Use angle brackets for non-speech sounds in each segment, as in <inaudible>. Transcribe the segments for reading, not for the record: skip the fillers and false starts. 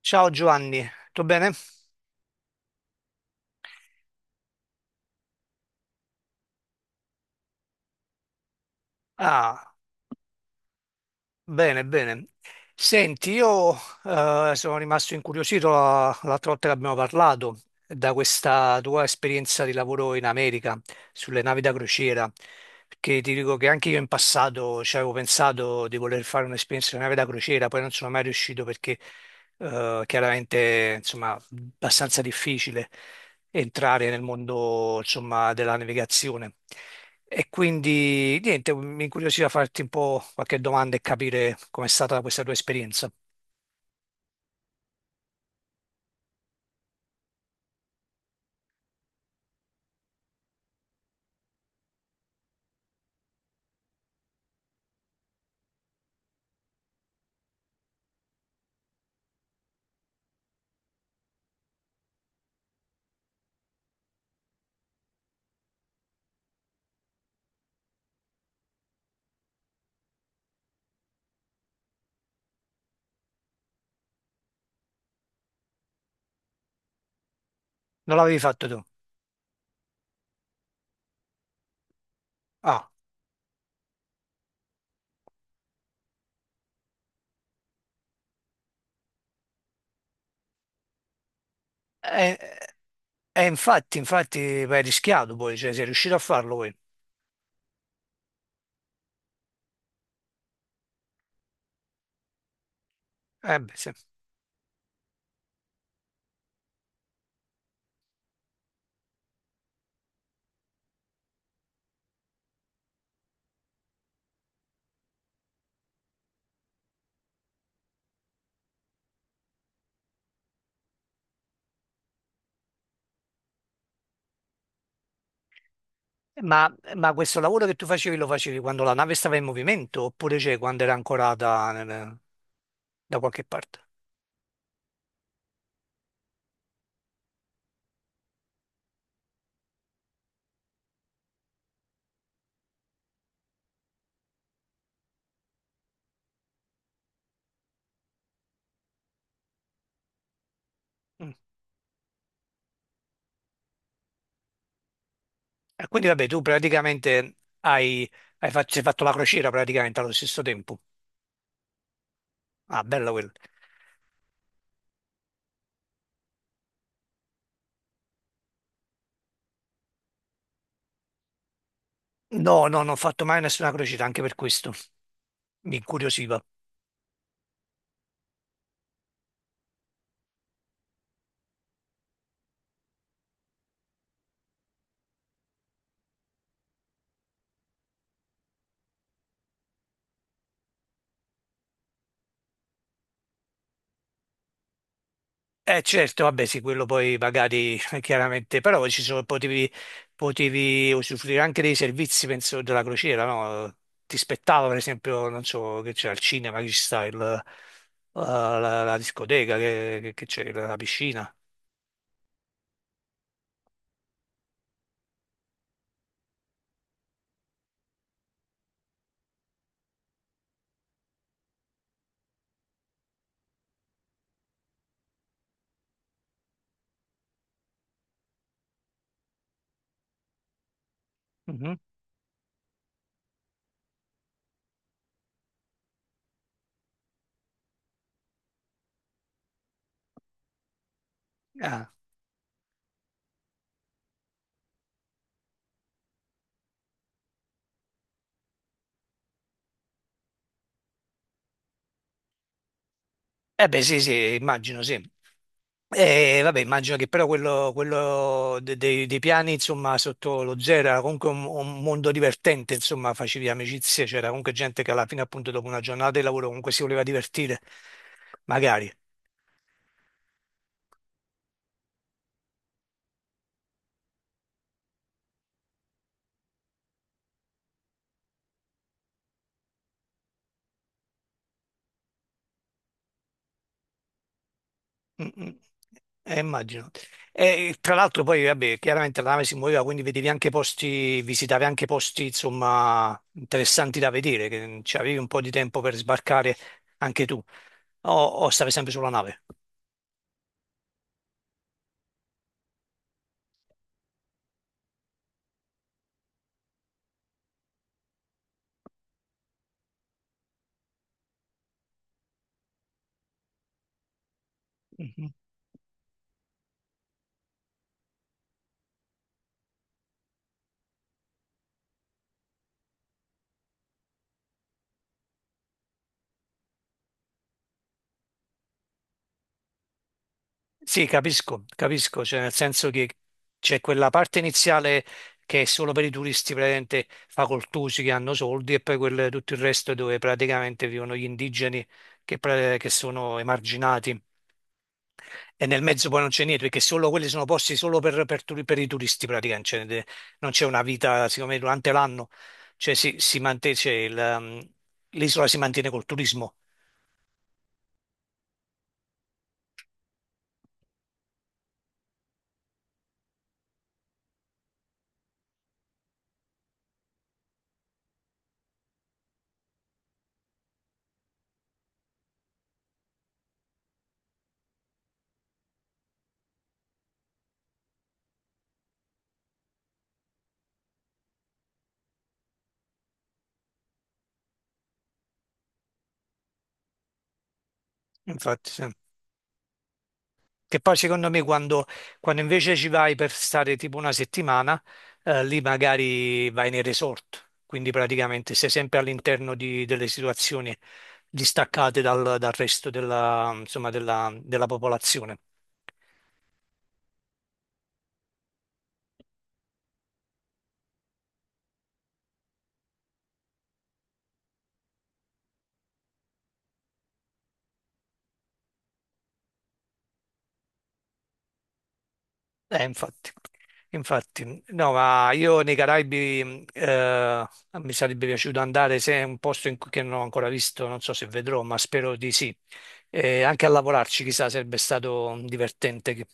Ciao Giovanni, tutto bene? Ah, bene, bene. Senti, io sono rimasto incuriosito l'altra volta che abbiamo parlato da questa tua esperienza di lavoro in America sulle navi da crociera. Perché ti dico che anche io in passato ci avevo pensato di voler fare un'esperienza di nave da crociera, poi non sono mai riuscito perché chiaramente insomma abbastanza difficile entrare nel mondo insomma della navigazione. E quindi niente, mi incuriosiva farti un po' qualche domanda e capire com'è stata questa tua esperienza. Non l'avevi fatto tu? Ah, e, e infatti, infatti, beh, hai rischiato poi, cioè sei riuscito a farlo poi. Eh beh, sì. Ma questo lavoro che tu facevi lo facevi quando la nave stava in movimento oppure cioè, quando era ancorata da qualche parte? Mm. E quindi vabbè, tu praticamente hai, hai fatto la crociera praticamente allo stesso tempo. Ah, bella quella. No, no, non ho fatto mai nessuna crociera, anche per questo mi incuriosiva. Eh certo, vabbè sì, quello poi magari chiaramente, però ci sono, potevi usufruire anche dei servizi, penso, della crociera, no? Ti spettava per esempio, non so, che c'è al cinema, che ci sta la discoteca, che c'è la piscina. Mhm. Ah. Eh beh sì, sì, immagino, sì. E vabbè, immagino che però quello dei piani, insomma, sotto lo zero era comunque un mondo divertente, insomma, facevi amicizie, c'era comunque gente che alla fine, appunto, dopo una giornata di lavoro comunque si voleva divertire, magari. Mm, mm. Immagino. E tra l'altro poi, vabbè, chiaramente la nave si muoveva, quindi vedevi anche posti, visitavi anche posti, insomma, interessanti da vedere, che ci avevi un po' di tempo per sbarcare anche tu, o, o stavi sempre sulla nave? Mhm. Sì, capisco, capisco, cioè nel senso che c'è quella parte iniziale che è solo per i turisti praticamente facoltosi che hanno soldi e poi tutto il resto dove praticamente vivono gli indigeni che, che sono emarginati e nel mezzo poi non c'è niente perché solo quelli sono posti solo per, per i turisti praticamente, cioè, non c'è una vita, siccome durante l'anno cioè, si mantiene, cioè, l'isola si mantiene col turismo, infatti. Sì. Che poi secondo me quando, quando invece ci vai per stare tipo una settimana, lì magari vai nei resort, quindi praticamente sei sempre all'interno delle situazioni distaccate dal, dal resto della, insomma, della, della popolazione. Infatti, infatti, no, ma io nei Caraibi mi sarebbe piaciuto andare se è un posto in cui che non ho ancora visto, non so se vedrò, ma spero di sì. E anche a lavorarci, chissà, sarebbe stato divertente.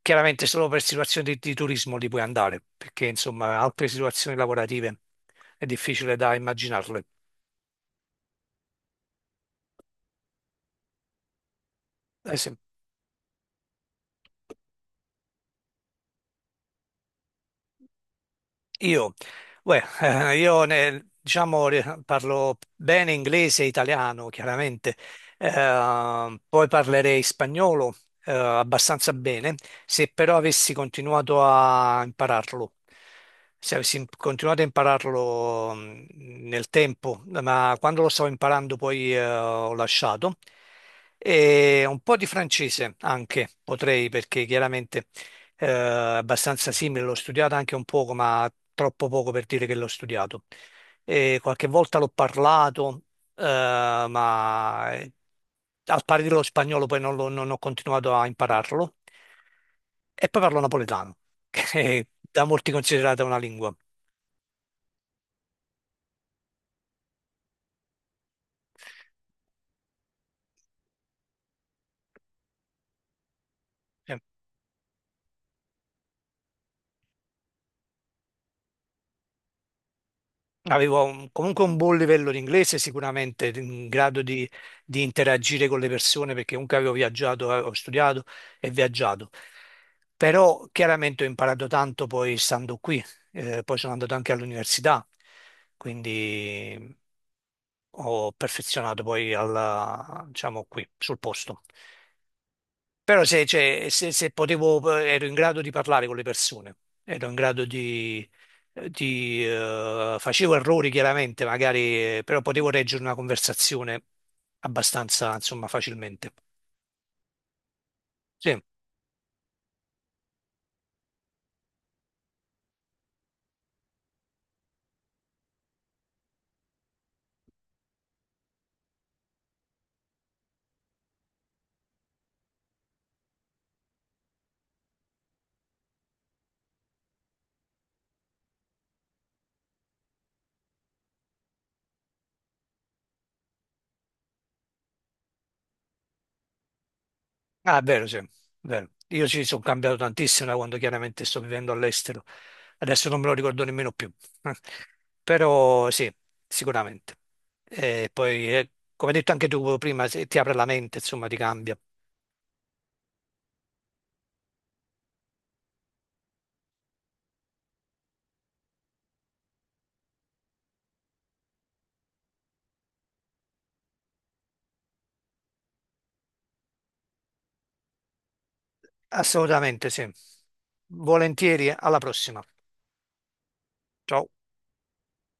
Chiaramente solo per situazioni di turismo li puoi andare, perché insomma altre situazioni lavorative è difficile da immaginarle. Eh, se- Io, beh, diciamo, parlo bene inglese e italiano, chiaramente. Poi parlerei spagnolo, abbastanza bene, se però avessi continuato a impararlo, se continuato a impararlo nel tempo, ma quando lo stavo imparando poi, ho lasciato, e un po' di francese anche potrei, perché chiaramente eh, abbastanza simile, l'ho studiata anche un poco, ma troppo poco per dire che l'ho studiato. E qualche volta l'ho parlato, eh, ma al pari dello spagnolo poi non, non ho continuato a impararlo. E poi parlo napoletano, <laughs> che è da molti considerata una lingua. Eh, comunque un buon livello di inglese, sicuramente in grado di interagire con le persone, perché comunque avevo viaggiato, ho studiato e viaggiato. Però chiaramente ho imparato tanto poi stando qui, poi sono andato anche all'università, quindi ho perfezionato poi alla, diciamo qui, sul posto. Però se, cioè, se potevo, ero in grado di parlare con le persone, ero in grado di, facevo errori chiaramente, magari, però potevo reggere una conversazione abbastanza, insomma, facilmente. Sì, ah, è vero, sì, è vero. Io ci sono cambiato tantissimo da quando chiaramente sto vivendo all'estero. Adesso non me lo ricordo nemmeno più. <laughs> Però sì, sicuramente. E poi, come hai detto anche tu prima, se ti apre la mente, insomma, ti cambia. Assolutamente sì. Volentieri, alla prossima. Ciao.